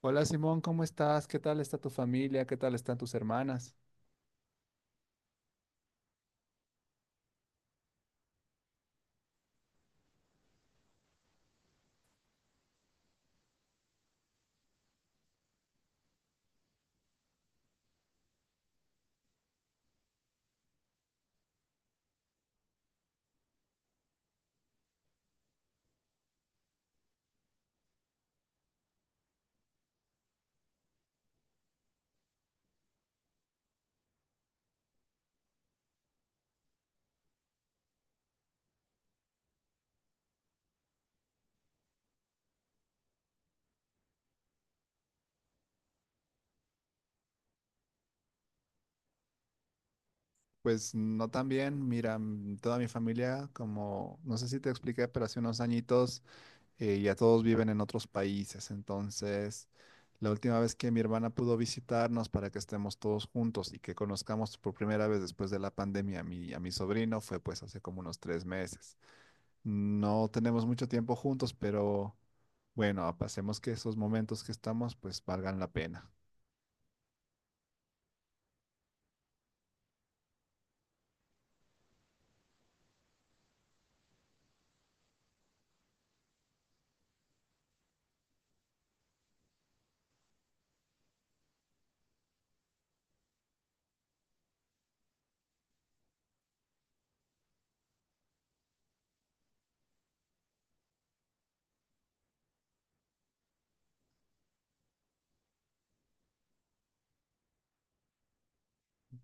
Hola Simón, ¿cómo estás? ¿Qué tal está tu familia? ¿Qué tal están tus hermanas? Pues no tan bien, mira, toda mi familia, como no sé si te expliqué, pero hace unos añitos ya todos viven en otros países, entonces la última vez que mi hermana pudo visitarnos para que estemos todos juntos y que conozcamos por primera vez después de la pandemia a mi sobrino fue pues hace como unos 3 meses. No tenemos mucho tiempo juntos, pero bueno, pasemos que esos momentos que estamos pues valgan la pena.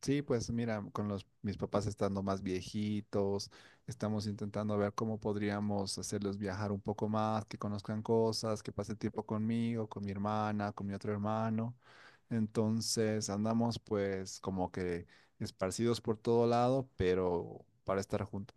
Sí, pues mira, con los mis papás estando más viejitos, estamos intentando ver cómo podríamos hacerlos viajar un poco más, que conozcan cosas, que pase tiempo conmigo, con mi hermana, con mi otro hermano. Entonces andamos pues como que esparcidos por todo lado, pero para estar juntos.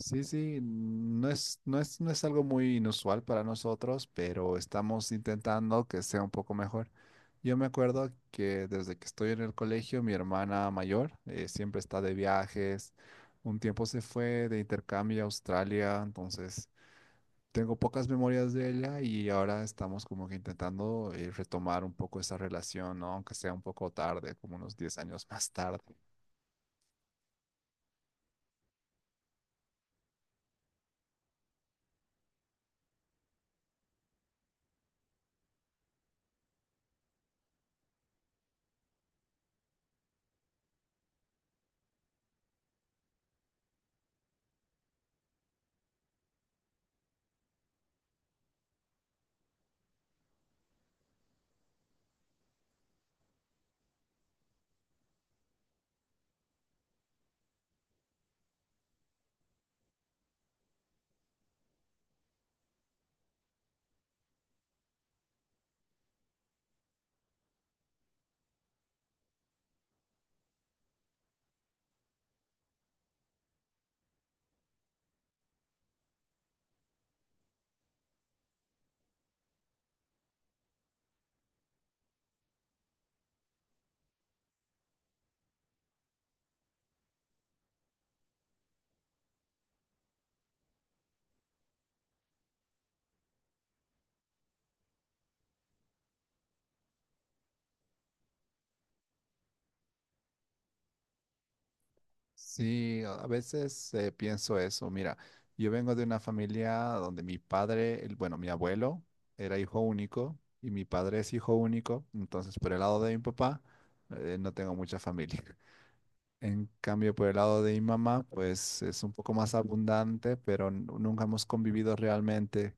Sí, sí, no es algo muy inusual para nosotros, pero estamos intentando que sea un poco mejor. Yo me acuerdo que desde que estoy en el colegio, mi hermana mayor siempre está de viajes. Un tiempo se fue de intercambio a Australia, entonces tengo pocas memorias de ella y ahora estamos como que intentando retomar un poco esa relación, ¿no? Aunque sea un poco tarde, como unos 10 años más tarde. Sí, a veces pienso eso. Mira, yo vengo de una familia donde mi padre, bueno, mi abuelo era hijo único y mi padre es hijo único. Entonces, por el lado de mi papá, no tengo mucha familia. En cambio, por el lado de mi mamá, pues es un poco más abundante, pero nunca hemos convivido realmente.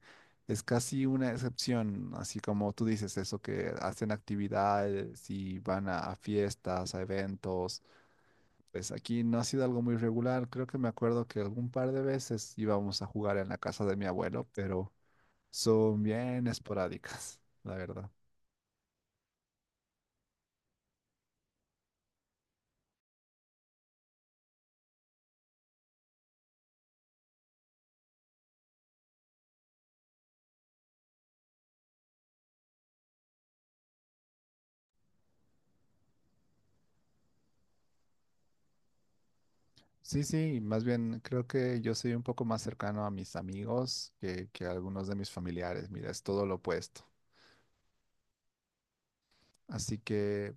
Es casi una excepción, así como tú dices, eso que hacen actividades y van a fiestas, a eventos pues aquí no ha sido algo muy regular. Creo que me acuerdo que algún par de veces íbamos a jugar en la casa de mi abuelo, pero son bien esporádicas, la verdad. Sí, sí, más bien creo que yo soy un poco más cercano a mis amigos que a algunos de mis familiares. Mira, es todo lo opuesto. Así que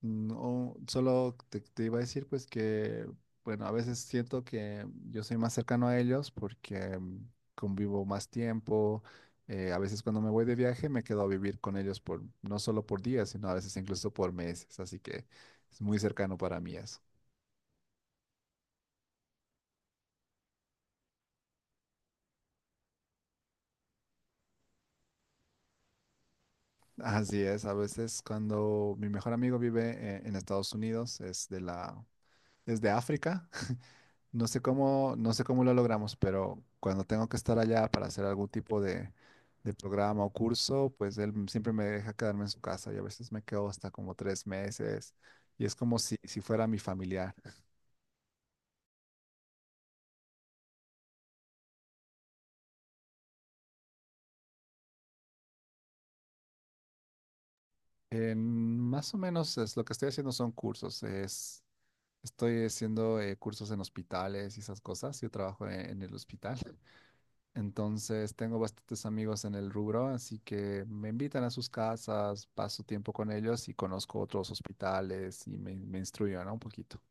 no, solo te iba a decir pues que, bueno, a veces siento que yo soy más cercano a ellos porque convivo más tiempo. A veces cuando me voy de viaje me quedo a vivir con ellos por no solo por días, sino a veces incluso por meses. Así que es muy cercano para mí eso. Así es, a veces cuando mi mejor amigo vive en Estados Unidos, es de África. No sé cómo lo logramos, pero cuando tengo que estar allá para hacer algún tipo de programa o curso, pues siempre me deja quedarme en su casa y a veces me quedo hasta como 3 meses y es como si fuera mi familiar. Más o menos es, lo que estoy haciendo son cursos, es, estoy haciendo cursos en hospitales y esas cosas, yo trabajo en el hospital. Entonces tengo bastantes amigos en el rubro, así que me invitan a sus casas, paso tiempo con ellos y conozco otros hospitales y me instruyo, ¿no? Un poquito.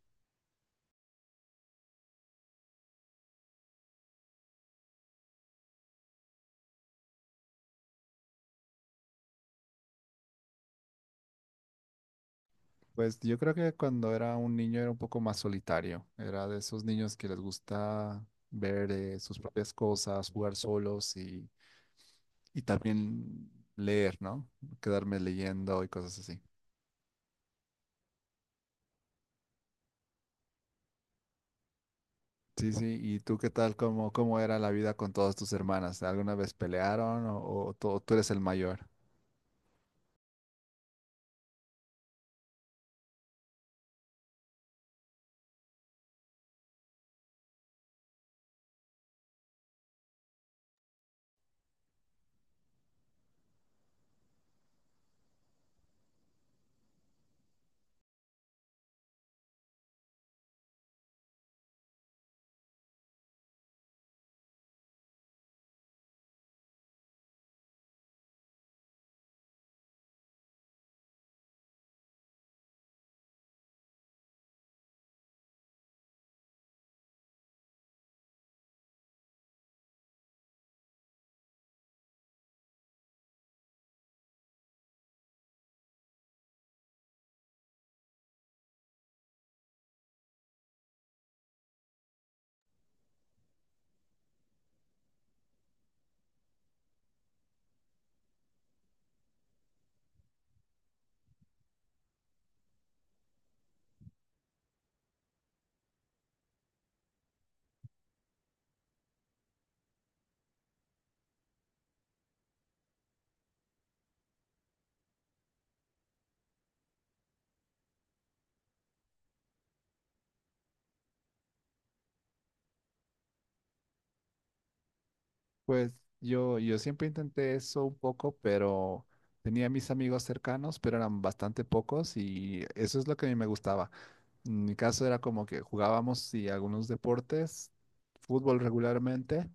Pues yo creo que cuando era un niño era un poco más solitario. Era de esos niños que les gusta ver sus propias cosas, jugar solos y también leer, ¿no? Quedarme leyendo y cosas así. Sí, sí. ¿Y tú qué tal? ¿Cómo, cómo era la vida con todas tus hermanas? ¿Alguna vez pelearon o tú eres el mayor? Pues yo siempre intenté eso un poco, pero tenía mis amigos cercanos, pero eran bastante pocos y eso es lo que a mí me gustaba. En mi caso era como que jugábamos sí, algunos deportes, fútbol regularmente,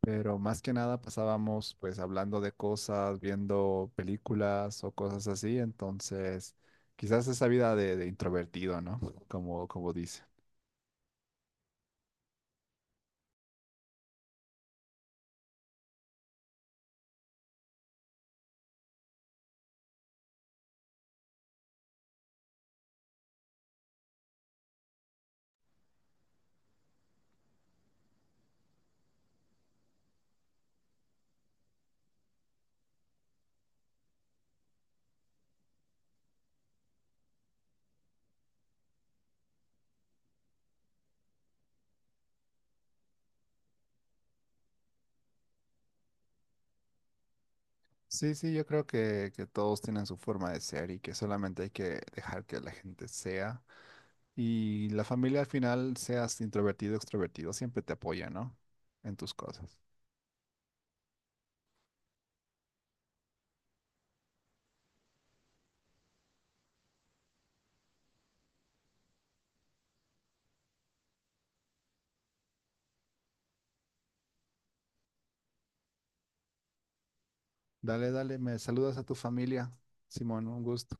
pero más que nada pasábamos pues hablando de cosas, viendo películas o cosas así. Entonces, quizás esa vida de introvertido, ¿no? Como, como dice. Sí, sí, yo creo que todos tienen su forma de ser y que solamente hay que dejar que la gente sea. Y la familia al final, seas introvertido o extrovertido, siempre te apoya, ¿no? En tus cosas. Dale, dale, me saludas a tu familia, Simón, un gusto.